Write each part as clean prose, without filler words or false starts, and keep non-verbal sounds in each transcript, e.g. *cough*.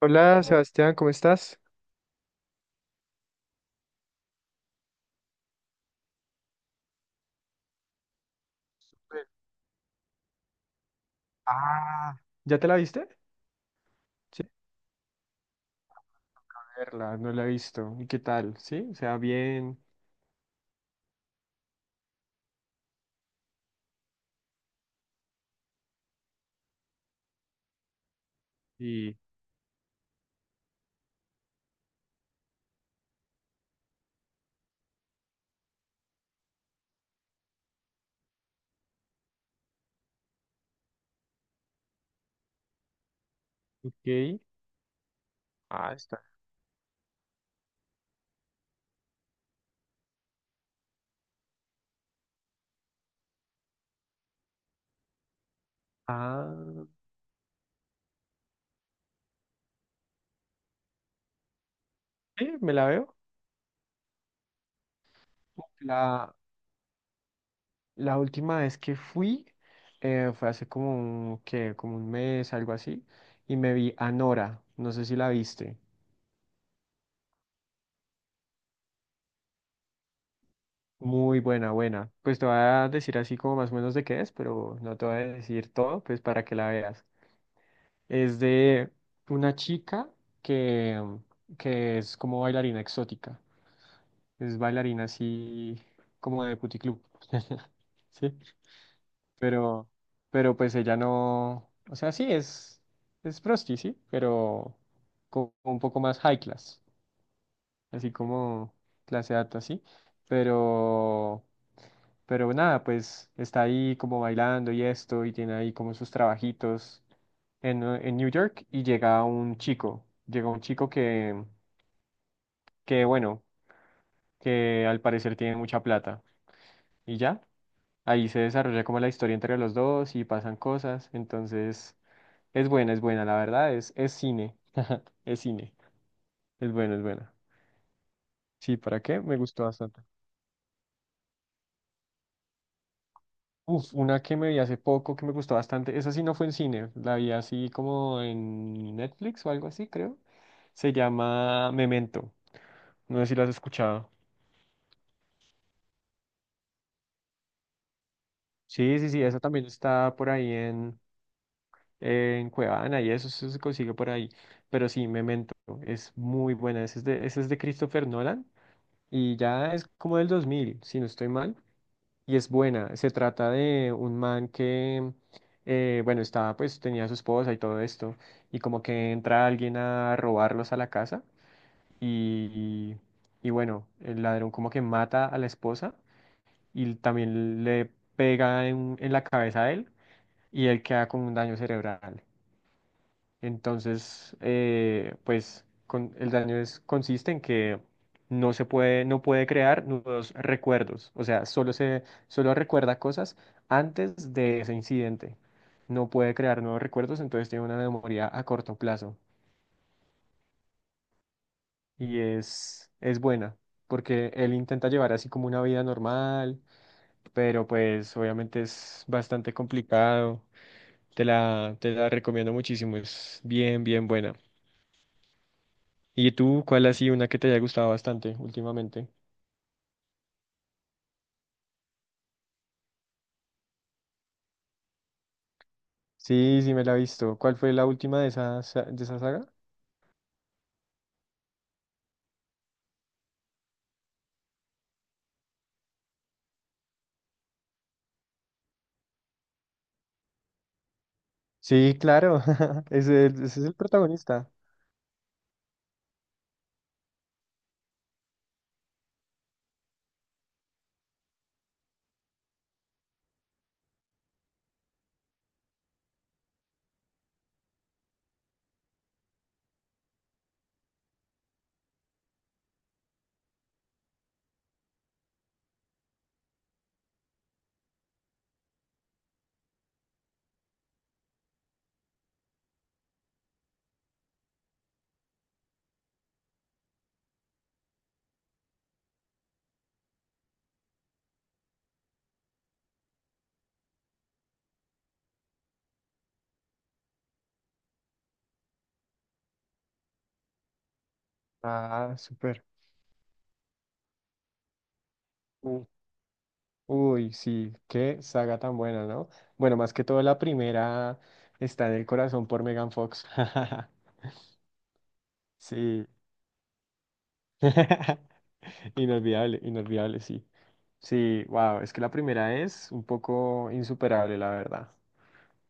Hola Sebastián, ¿cómo estás? Ah, ¿ya te la viste? Sí, verla, no la he visto. ¿Y qué tal? ¿Sí? O sea, bien. Y, ok. Ah, está. Ah, sí, me la veo. La, la última vez que fui fue hace como un, ¿qué? Como un mes, algo así. Y me vi Anora. No sé si la viste. Muy buena, buena. Pues te voy a decir así como más o menos de qué es, pero no te voy a decir todo, pues para que la veas. Es de una chica que, que es como bailarina exótica. Es bailarina así como de puticlub. *laughs* Sí, pero, pero pues ella no. O sea, sí, es, prosti, sí, pero como un poco más high class. Así como clase alta, sí. Pero. Pero nada, pues está ahí como bailando y esto, y tiene ahí como sus trabajitos en New York y llega un chico bueno, que al parecer tiene mucha plata. Y ya, ahí se desarrolla como la historia entre los dos y pasan cosas. Entonces, es buena, la verdad, es cine, *laughs* es cine, es buena, es buena. Sí, ¿para qué? Me gustó bastante. Uf, una que me vi hace poco que me gustó bastante, esa sí no fue en cine, la vi así como en Netflix o algo así, creo. Se llama Memento, no sé si la has escuchado. Sí, sí, sí, eso también está por ahí en Cuevana y eso, se consigue por ahí. Pero sí, Memento es muy buena. Ese es de Christopher Nolan y ya es como del 2000, si no estoy mal. Y es buena. Se trata de un man que, bueno, estaba, pues tenía a su esposa y todo esto. Y como que entra alguien a robarlos a la casa y, y, bueno, el ladrón como que mata a la esposa y también le pega en la cabeza a él y él queda con un daño cerebral. Entonces, pues el daño consiste en que no puede crear nuevos recuerdos, o sea, solo recuerda cosas antes de ese incidente. No puede crear nuevos recuerdos, entonces tiene una memoria a corto plazo y es buena. Porque él intenta llevar así como una vida normal, pero pues obviamente es bastante complicado. Te la recomiendo muchísimo, es bien, bien buena. ¿Y tú cuál ha sido una que te haya gustado bastante últimamente? Sí, sí me la he visto. ¿Cuál fue la última de esa saga? Sí, claro. *laughs* Ese es el protagonista. Ah, súper. U- Uy, sí, qué saga tan buena, ¿no? Bueno, más que todo la primera está en el corazón por Megan Fox. *laughs* Sí. *laughs* Inolvidable, inolvidable, sí. Sí, wow, es que la primera es un poco insuperable, la verdad.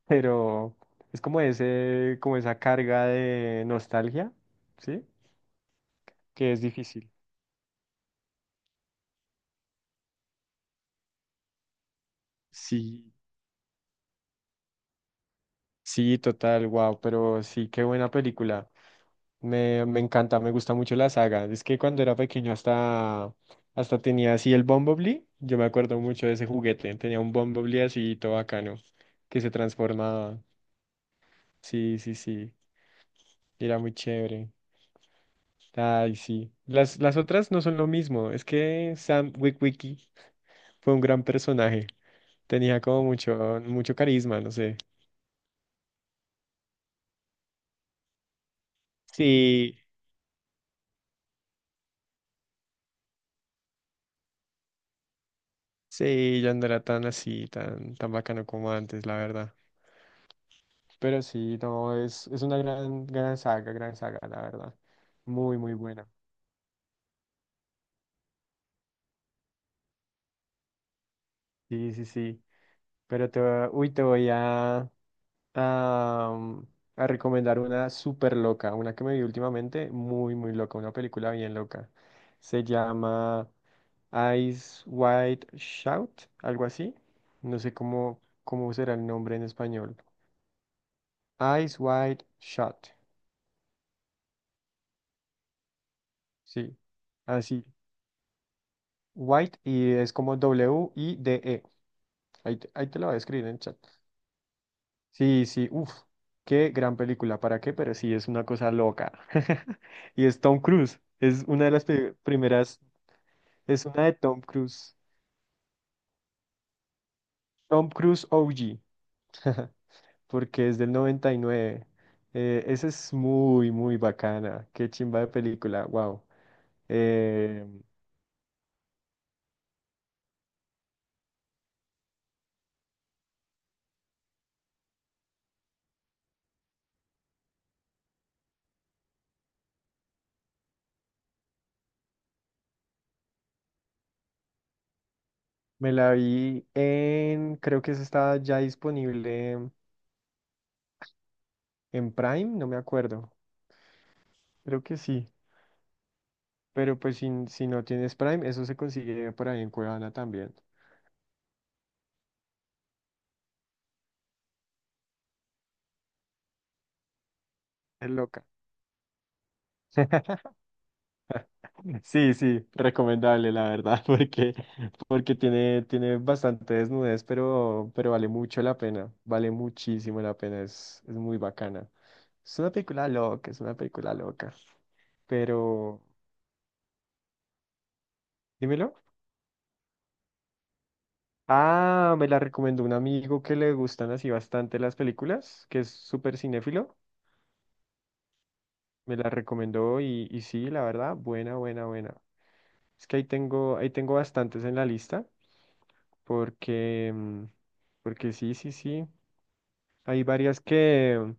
Pero es como ese, como esa carga de nostalgia, ¿sí? Que es difícil. Sí, sí, total, wow, pero sí, qué buena película. Me encanta, me gusta mucho la saga. Es que cuando era pequeño hasta tenía así el Bumblebee. Yo me acuerdo mucho de ese juguete. Tenía un Bumblebee así todo bacano, que se transformaba. Sí, sí, sí. Era muy chévere. Ay, sí. Las otras no son lo mismo. Es que Sam Witwicky fue un gran personaje. Tenía como mucho, mucho carisma, no sé. Sí, sí, ya no era tan así, tan bacano como antes, la verdad. Pero sí, no, es una gran, gran saga, la verdad. Muy, muy buena. Sí, sí, sí. Pero uy, te voy a, a recomendar una súper loca, una que me vi últimamente, muy, muy loca, una película bien loca. Se llama Eyes Wide Shout, algo así. No sé cómo, cómo será el nombre en español. Eyes Wide Shut, sí, así. White y es como W-I-D-E. Ahí, ahí te lo voy a escribir en chat. Sí, sí, uff, qué gran película, ¿para qué? Pero sí, es una cosa loca. *laughs* Y es Tom Cruise, es una de las primeras, es una de Tom Cruise, Tom Cruise OG, porque es del 99. Esa es muy, muy bacana, qué chimba de película, wow. Eh, me la vi en, creo que esa estaba ya disponible en Prime, no me acuerdo, creo que sí, pero pues si no tienes Prime, eso se consigue por ahí en Cuevana también. Es loca. *laughs* Sí, sí, recomendable, la verdad, *laughs* porque tiene bastante desnudez, pero, vale mucho la pena, vale muchísimo la pena, es muy bacana. Es una película loca, es una película loca, pero, dímelo. Ah, me la recomendó un amigo que le gustan así bastante las películas, que es súper cinéfilo, me la recomendó y sí, la verdad, buena, buena, buena. Es que ahí tengo bastantes en la lista. Porque, porque sí, sí, sí. Hay varias que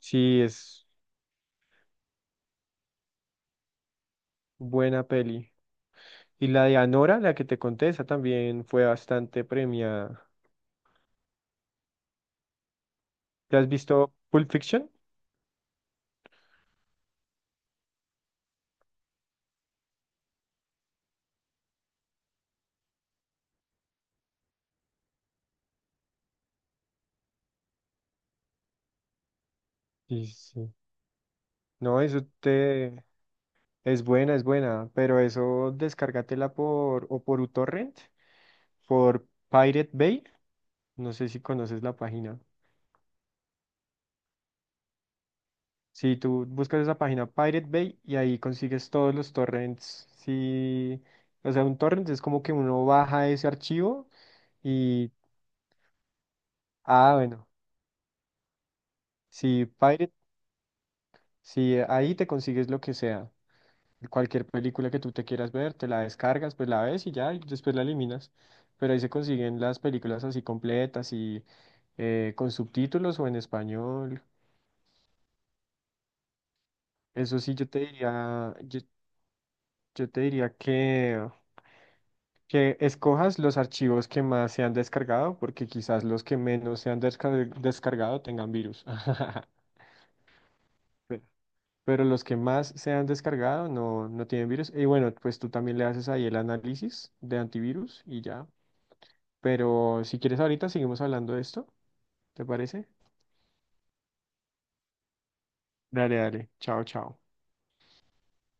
sí es buena peli. Y la de Anora, la que te conté, esa también fue bastante premiada. ¿Te has visto Pulp Fiction? Sí, sí. No, eso te es buena, pero eso descárgatela por o por uTorrent, por Pirate Bay. No sé si conoces la página. Si tú buscas esa página Pirate Bay y ahí consigues todos los torrents. Sí, o sea, un torrent es como que uno baja ese archivo y, ah, bueno, si Pirate, si ahí te consigues lo que sea, cualquier película que tú te quieras ver, te la descargas, pues la ves y ya, y después la eliminas. Pero ahí se consiguen las películas así completas y con subtítulos o en español. Eso sí, yo te diría, yo te diría que escojas los archivos que más se han descargado, porque quizás los que menos se han descargado tengan virus. *laughs* Pe- Pero los que más se han descargado no, tienen virus. Y bueno, pues tú también le haces ahí el análisis de antivirus y ya. Pero si quieres ahorita seguimos hablando de esto, ¿te parece? Dale, dale. Chao, chao.